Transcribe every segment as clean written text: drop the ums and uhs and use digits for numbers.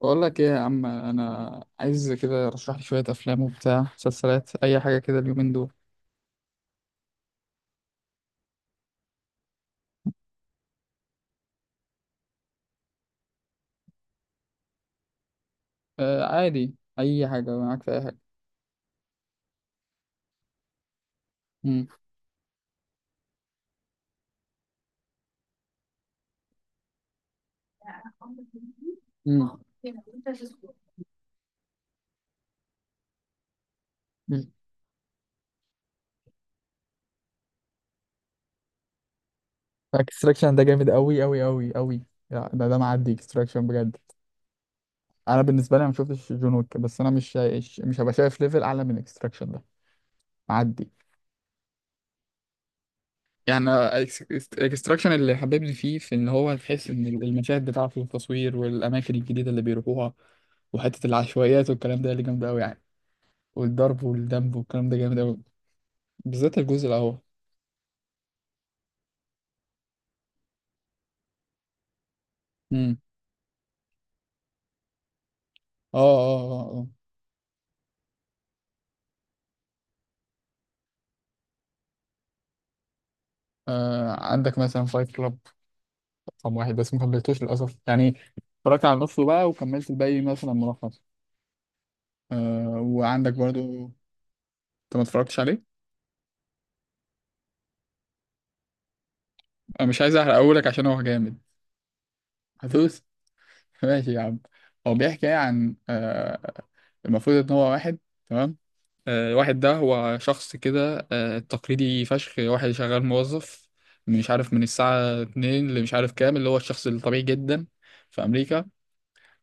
بقول لك ايه يا عم؟ انا عايز كده، رشح لي شويه افلام وبتاع مسلسلات، اي حاجه كده اليومين دول. آه، عادي، اي حاجه معاك، في اي حاجه. امم. امم. اكستراكشن ده جامد قوي قوي قوي قوي. يعني ده معدي اكستراكشن بجد. انا بالنسبه لي أنا ما شفتش جون ويك، بس انا مش هبقى شايف ليفل اعلى من اكستراكشن ده. معدي يعني. الاكستراكشن اللي حببني فيه، في ان هو تحس ان المشاهد بتاعته والتصوير والاماكن الجديده اللي بيروحوها، وحته العشوائيات والكلام ده اللي جامده قوي يعني. والضرب والدب والكلام ده جامد أوي، بالذات الجزء الأول. امم. اه، اه، اه، اه. آه، عندك مثلا فايت كلاب رقم واحد، بس ما كملتوش للأسف يعني. اتفرجت على نصه بقى وكملت الباقي مثلا ملخص. آه، وعندك برضو انت، ما اتفرجتش عليه؟ انا مش عايز احرق، اقولك عشان هو جامد. هتوس. ماشي يا عم. هو بيحكي يعني عن المفروض ان هو واحد، تمام. الواحد ده هو شخص كده، تقليدي فشخ، واحد شغال موظف، مش عارف من الساعة اتنين اللي مش عارف كام، اللي هو الشخص الطبيعي جدا في أمريكا.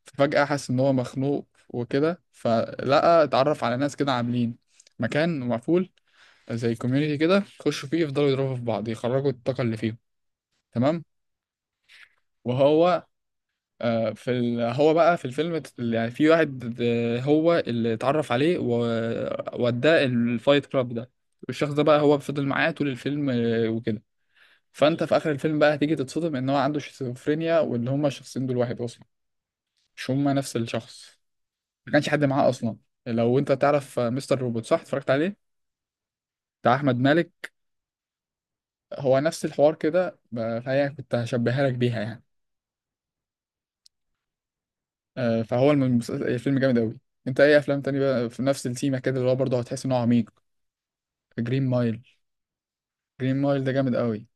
فجأة حس إن هو مخنوق وكده، فلقى اتعرف على ناس كده عاملين مكان مقفول زي كوميونيتي كده، يخشوا فيه يفضلوا يضربوا في بعض، يخرجوا الطاقة اللي فيهم. تمام. وهو، في هو بقى في الفيلم يعني في واحد، هو اللي اتعرف عليه ووداه الفايت كلاب ده. والشخص ده بقى هو فضل معاه طول الفيلم، وكده. فانت في اخر الفيلم بقى هتيجي تتصدم ان هو عنده شيزوفرينيا، وان هما الشخصين دول واحد اصلا، مش هما نفس الشخص. ما كانش حد معاه اصلا. لو انت تعرف مستر روبوت، صح؟ اتفرجت عليه؟ بتاع احمد مالك. هو نفس الحوار كده، فهي كنت هشبهها لك بيها يعني. فهو الفيلم جامد قوي. انت اي افلام تاني بقى في نفس التيمه كده، اللي هو برضه هتحس ان هو عميق؟ جرين مايل. جرين مايل ده جامد قوي.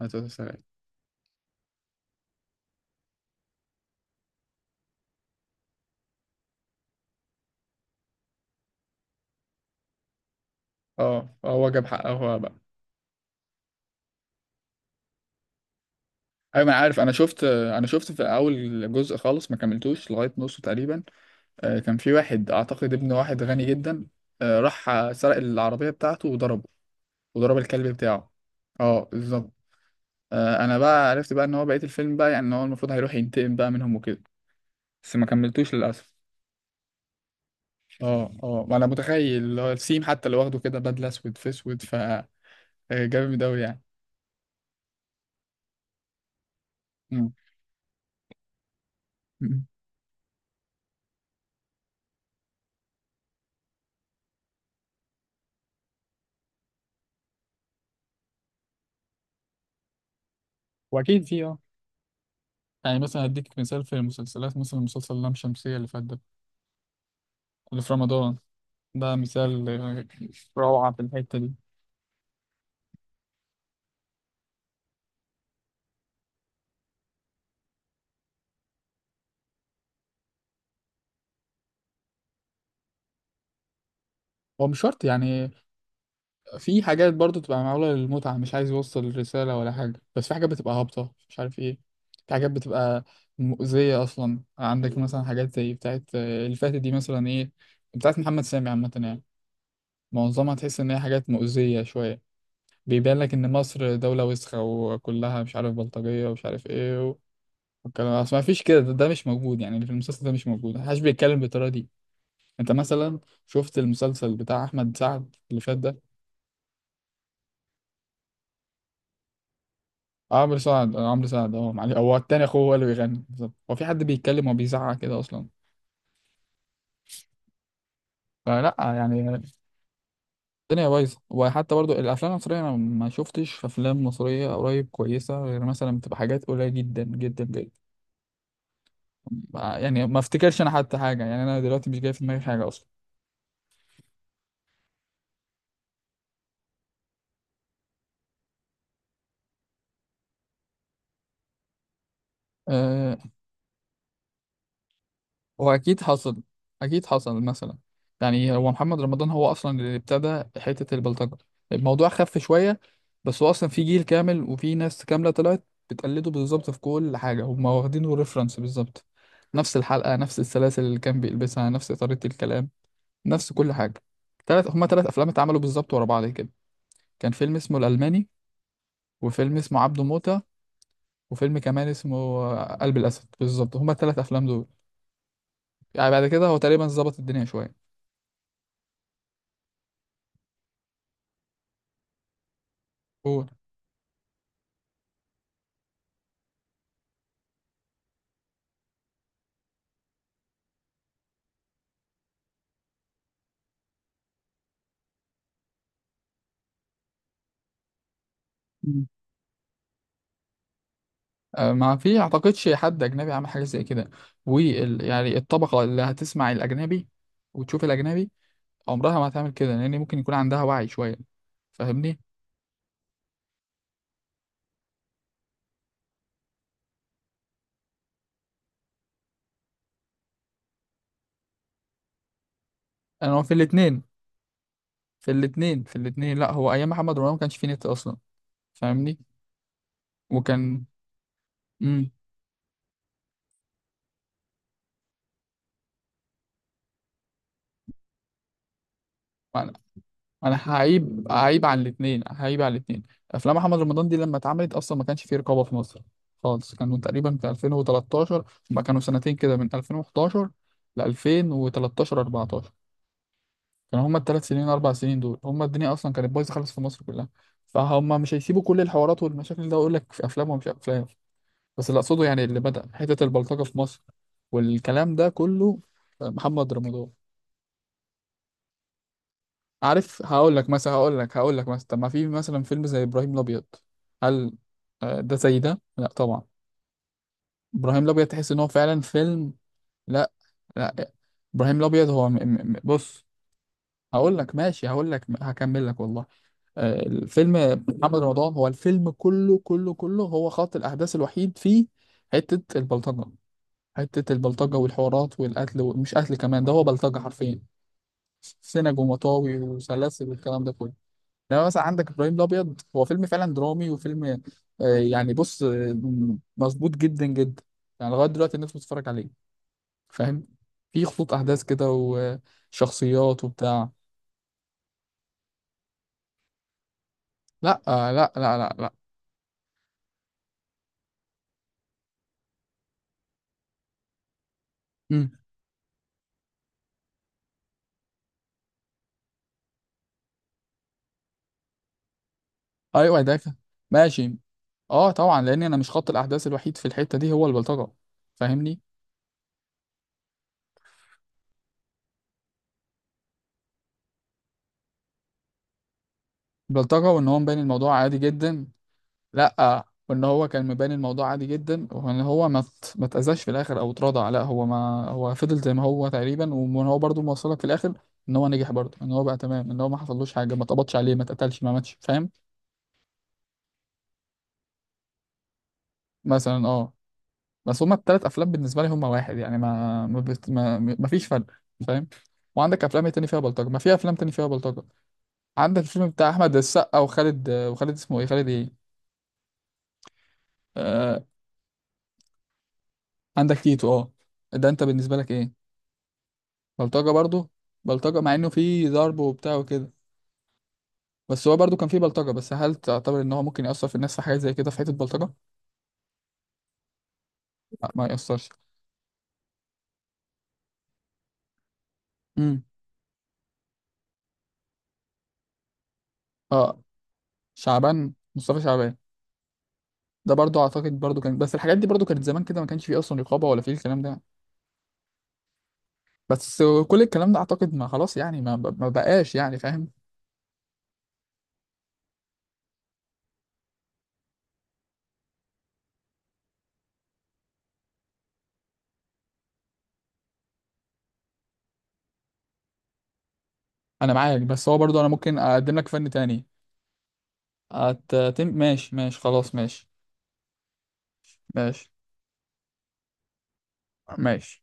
هتقول سلام. اه، آه، هو جاب حقه هو بقى. ايوه انا عارف، انا شفت، في اول جزء خالص ما كملتوش لغايه نصه تقريبا. كان في واحد اعتقد ابن واحد غني جدا، راح سرق العربيه بتاعته وضربه، وضرب الكلب بتاعه. اه بالظبط. انا بقى عرفت بقى ان هو بقيه الفيلم بقى، يعني ان هو المفروض هيروح ينتقم بقى منهم وكده. بس ما كملتوش للاسف. اه، اه، ما انا متخيل اللي هو السيم حتى اللي واخده كده بدله اسود في اسود، ف جامد قوي يعني. مم. واكيد في يعني مثلا هديك مثال، في المسلسلات مثلا مسلسل لام شمسية اللي فات ده، اللي في رمضان. ده مثال روعة في الحتة دي. هو مش شرط يعني. في حاجات برضو تبقى معمولة للمتعة، مش عايز يوصل الرسالة ولا حاجة، بس في حاجات بتبقى هابطة مش عارف ايه. في حاجات بتبقى مؤذية أصلا. عندك مثلا حاجات زي بتاعت اللي فاتت دي، مثلا ايه، بتاعت محمد سامي عامة يعني. معظمها تحس إن هي حاجات مؤذية شوية. بيبان لك إن مصر دولة وسخة وكلها مش عارف بلطجية، ومش عارف ايه الكلام. اصل ما فيش كده، ده مش موجود يعني، اللي في المسلسل ده مش موجود، محدش بيتكلم بالطريقه دي. انت مثلا شفت المسلسل بتاع احمد سعد اللي فات ده؟ آه، عمرو سعد، آه، عمرو سعد، اه معلش. هو التاني اخوه هو اللي بيغني بالظبط. هو في حد بيتكلم وبيزعق كده اصلا؟ فلا يعني. الدنيا بايظه. وحتى برضو الافلام المصريه، انا ما شفتش افلام مصريه قريب كويسه، غير مثلا بتبقى حاجات قليله جدا جدا جدا، يعني ما افتكرش انا حتى حاجه، يعني انا دلوقتي مش جاي في دماغي حاجه اصلا. آه، هو اكيد حصل. اكيد حصل. مثلا يعني، هو محمد رمضان هو اصلا اللي ابتدى حته البلطجه. الموضوع خف شويه، بس هو اصلا في جيل كامل وفي ناس كامله طلعت بتقلده بالظبط في كل حاجه، هم واخدينه ريفرنس بالظبط. نفس الحلقه، نفس السلاسل اللي كان بيلبسها، نفس طريقه الكلام، نفس كل حاجه. تلات افلام اتعملوا بالظبط ورا بعض كده. كان فيلم اسمه الالماني، وفيلم اسمه عبده موتة، وفيلم كمان اسمه قلب الاسد بالظبط، هما التلات افلام دول. يعني بعد كده هو تقريبا ظبط الدنيا شويه. قول. مم. ما في اعتقدش حد اجنبي عامل حاجه زي كده. يعني الطبقه اللي هتسمع الاجنبي وتشوف الاجنبي، عمرها ما هتعمل كده، لان ممكن يكون عندها وعي شويه. فاهمني؟ انا هو في الاثنين، في الاثنين، في الاثنين. لا، هو ايام محمد رمضان ما كانش فيه نت اصلا. فاهمني؟ وكان. امم. انا هعيب، على الاثنين، هعيب على الاثنين. افلام محمد رمضان دي لما اتعملت اصلا ما كانش فيه رقابه في مصر خالص. كانوا تقريبا في 2013، ما كانوا سنتين كده، من 2011 ل 2013 14. كانوا هما الثلاث سنين اربع سنين دول، هما الدنيا اصلا كانت بايظه خالص في مصر كلها. فهم مش هيسيبوا كل الحوارات والمشاكل، ده اقول لك في افلام ومش افلام. بس اللي اقصده يعني، اللي بدأ حته البلطجه في مصر والكلام ده كله محمد رمضان. عارف، هقول لك مثلا، طب ما في مثلا فيلم زي ابراهيم الابيض. هل ده زي ده؟ لا طبعا. ابراهيم الابيض تحس ان هو فعلا فيلم. لا لا، ابراهيم الابيض هو بص، هقول لك ماشي، هقول لك، هكمل لك والله. الفيلم محمد رمضان، هو الفيلم كله كله كله، هو خط الاحداث الوحيد فيه حتة البلطجة. حتة البلطجة والحوارات والقتل ومش قتل كمان، ده هو بلطجة حرفيا، سنج ومطاوي وسلاسل والكلام ده كله. لما مثلا عندك ابراهيم الابيض، هو فيلم فعلا درامي وفيلم، يعني بص، مظبوط جدا جدا، يعني لغايه دلوقتي الناس بتتفرج عليه. فاهم؟ في خطوط احداث كده وشخصيات وبتاع. لا، لا لا لا لا. مم. ايوه ده ماشي. اه طبعا، لان انا مش خط الاحداث الوحيد في الحته دي هو البلطجه. فاهمني؟ البلطجه، وان هو مبين الموضوع عادي جدا. لا، وان هو كان مبان الموضوع عادي جدا، وان هو ما اتأذاش في الاخر او اتراضع. لا، هو ما هو فضل زي ما هو تقريبا، وان هو برضه موصلك في الاخر ان هو نجح برضه، ان هو بقى تمام، ان هو ما حصلوش حاجه، ما اتقبضش عليه، ما اتقتلش، ما ماتش، فاهم؟ مثلا اه. بس هما التلات افلام بالنسبه لي هما واحد يعني، ما, ما فيش فرق. فاهم؟ وعندك افلام إيه تاني فيها بلطجه؟ ما في افلام تاني فيها بلطجه. عندك الفيلم بتاع احمد السقا، وخالد اسمه ايه، خالد ايه؟ آه... عندك تيتو، اه. ده انت بالنسبه لك ايه؟ بلطجة برضو. بلطجة، مع انه في ضرب وبتاع وكده، بس هو برضو كان في بلطجة، بس هل تعتبر ان هو ممكن يأثر في الناس في حاجة زي كده، في حتة بلطجة؟ لا ما يأثرش. امم. اه. مصطفى شعبان. ده برضو اعتقد برضو كان، بس الحاجات دي برضو كانت زمان كده، ما كانش فيه اصلا رقابة ولا فيه الكلام ده. بس كل الكلام ده اعتقد ما، خلاص يعني، ما بقاش يعني، فاهم؟ انا معاك، بس هو برضو انا ممكن اقدم لك فن تاني. ماشي ماشي خلاص، ماشي ماشي ماشي.